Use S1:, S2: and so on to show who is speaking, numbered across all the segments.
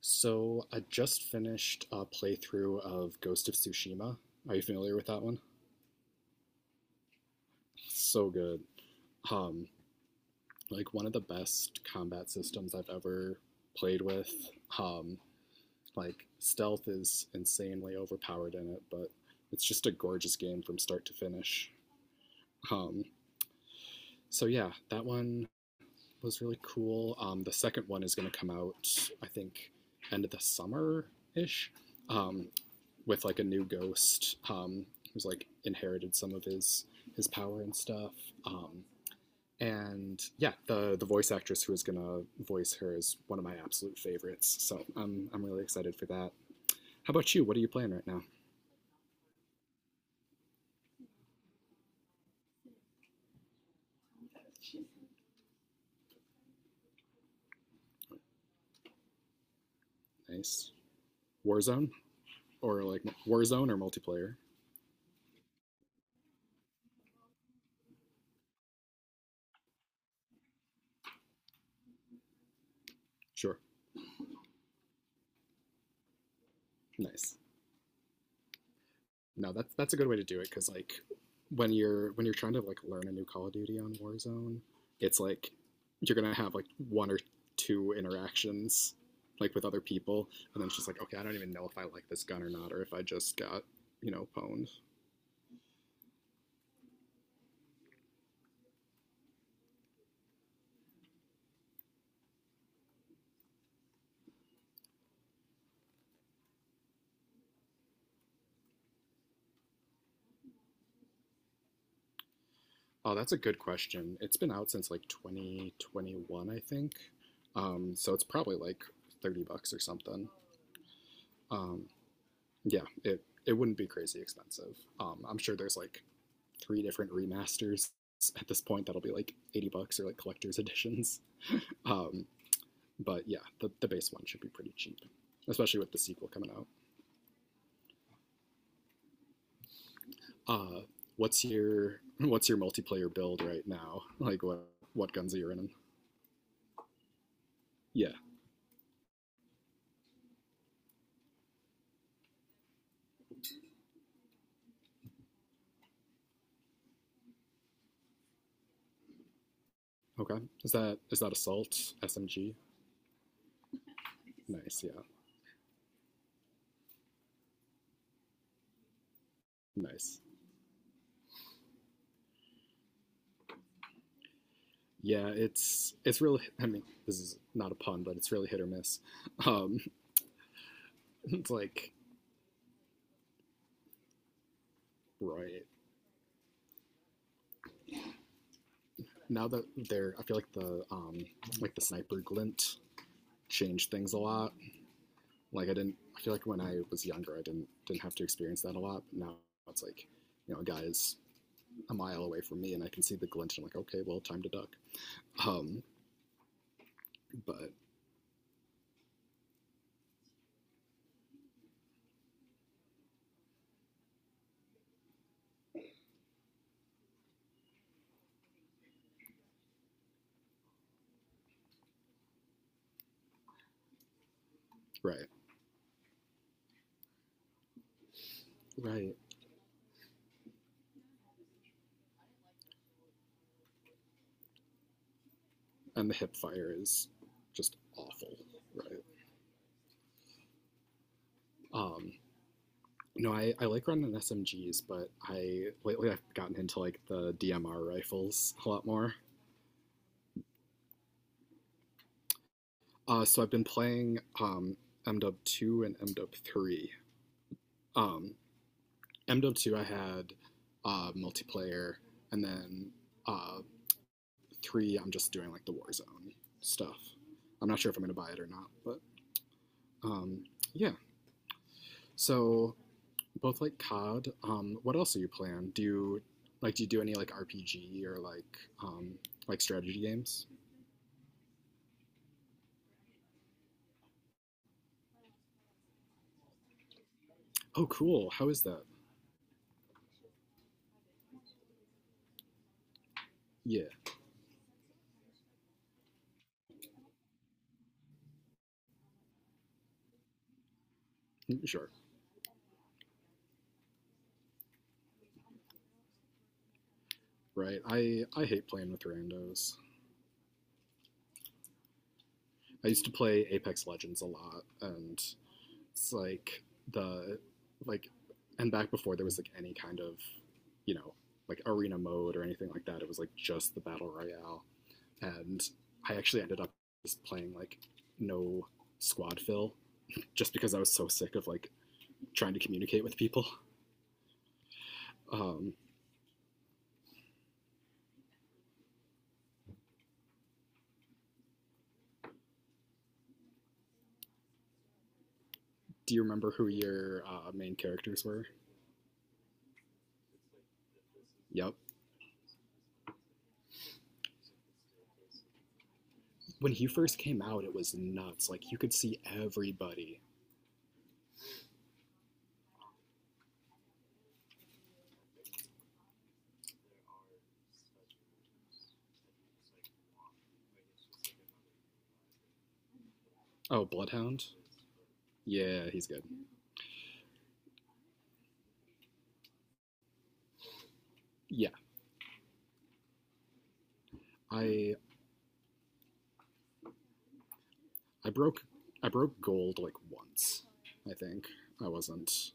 S1: So I just finished a playthrough of Ghost of Tsushima. Are you familiar with that one? So good. Um, like one of the best combat systems I've ever played with. Um, like stealth is insanely overpowered in it, but it's just a gorgeous game from start to finish. Um, so yeah, that one was really cool. The second one is going to come out, I think, end of the summer ish. Um, with like a new ghost who's like inherited some of his power and stuff. Um, and yeah, the voice actress who is gonna voice her is one of my absolute favorites. So I'm really excited for that. How about you? What are you playing right now? Nice. Warzone or like Warzone or multiplayer? Sure. Nice. No, that's a good way to do it because like when you're trying to like learn a new Call of Duty on Warzone, it's like you're gonna have like one or two interactions like with other people, and then it's just like okay, I don't even know if I like this gun or not, or if I just got pwned. Oh, that's a good question. It's been out since like 2021, I think. So it's probably like 30 bucks or something. Um, yeah, it wouldn't be crazy expensive. I'm sure there's like three different remasters at this point that'll be like 80 bucks or like collector's editions. Um, but yeah, the base one should be pretty cheap, especially with the sequel coming out. Uh, what's your what's your multiplayer build right now? Like what guns are you running? Yeah. Okay. Is that assault SMG? Nice. Yeah. Nice. Yeah. It's really. I mean, this is not a pun, but it's really hit or miss. Um, it's like right now that they're, I feel like the like the sniper glint changed things a lot like I didn't I feel like when I was younger I didn't have to experience that a lot, but now it's like you know a guy is a mile away from me and I can see the glint and I'm like okay, well time to duck. Um but Right, right, and the hip fire is just awful. Right. um no, I like running SMGs, but I lately I've gotten into like the DMR rifles a lot more. So I've been playing MDub two and MDub three. Um, MDub two I had multiplayer, and then uh, three I'm just doing like the Warzone stuff. I'm not sure if I'm gonna buy it or not, but um, yeah. So both like COD. What else are you playing? Do you like do you do any like RPG or like strategy games? Oh, cool. How is that? Yeah, sure. Right. I hate playing with randos. I used to play Apex Legends a lot, and it's like the like, and back before there was like any kind of, you know, like arena mode or anything like that. It was like just the battle royale, and I actually ended up just playing like no squad fill just because I was so sick of like trying to communicate with people. Um, do you remember who your main characters were? Yep. When he first came out, it was nuts. Like you could see everybody. Oh, Bloodhound. Yeah, he's good. Yeah, I I broke gold like once. I think I wasn't.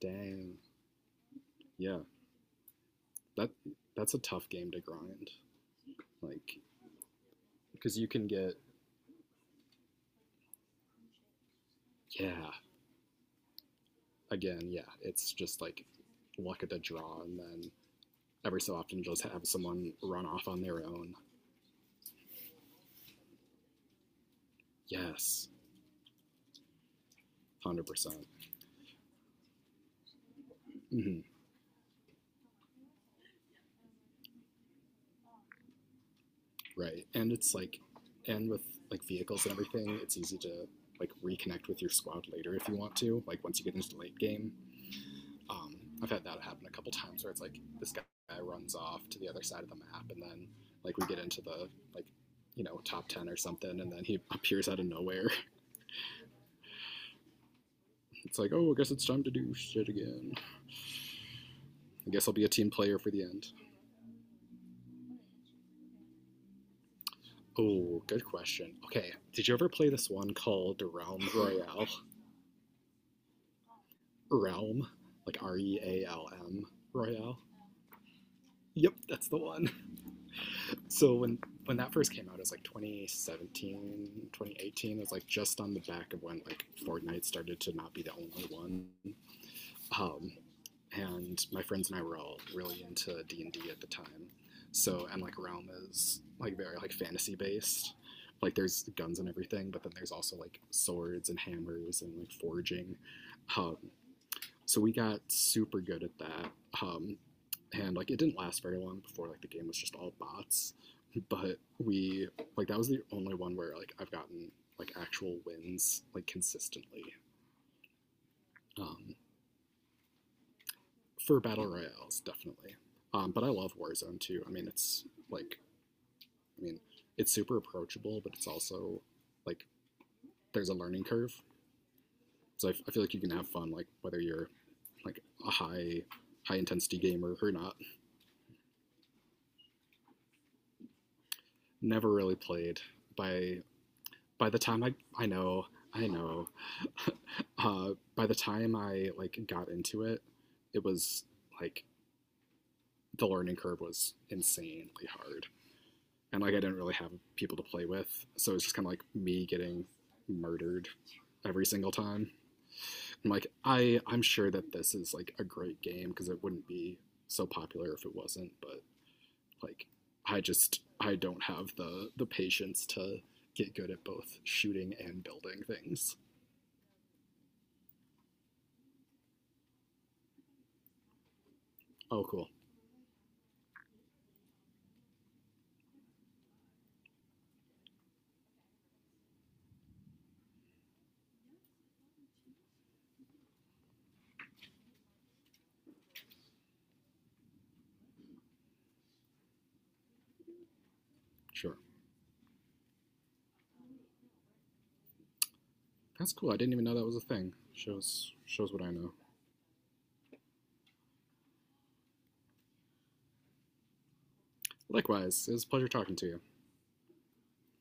S1: Dang. Yeah, that that's a tough game to grind. Like, because you can get yeah. Again, yeah, it's just like luck at the draw, and then every so often just have someone run off on their own. Yes, 100%. hmm Right, and it's like, and with like vehicles and everything, it's easy to like reconnect with your squad later if you want to. Like once you get into the late game, um, I've had that happen a couple times where it's like this guy runs off to the other side of the map, and then like we get into the like you know top ten or something, and then he appears out of nowhere. It's like, oh, I guess it's time to do shit again. I guess I'll be a team player for the end. Oh, good question. Okay, did you ever play this one called Realm Royale? Realm, like Realm Royale. Yep, that's the one. So when that first came out, it was like 2017, 2018. It was like just on the back of when like Fortnite started to not be the only one. Um, and my friends and I were all really into D and D at the time. So and like Realm is like very like fantasy based. Like there's guns and everything, but then there's also like swords and hammers and like forging. Um, so we got super good at that. Um, and like it didn't last very long before like the game was just all bots, but we like that was the only one where like I've gotten like actual wins like consistently um, for battle royales definitely. But I love Warzone too. I mean, it's like I mean it's super approachable, but it's also like there's a learning curve. So I feel like you can have fun like whether you're like a high intensity gamer or not. Never really played by by the time I know by the time I like got into it, it was like the learning curve was insanely hard, and like I didn't really have people to play with, so it's just kind of like me getting murdered every single time. I'm like I'm sure that this is like a great game because it wouldn't be so popular if it wasn't, but like I just I don't have the patience to get good at both shooting and building things. Oh, cool. Sure. That's cool. I didn't even know that was a thing. Shows what I know. Likewise, it was a pleasure talking to you.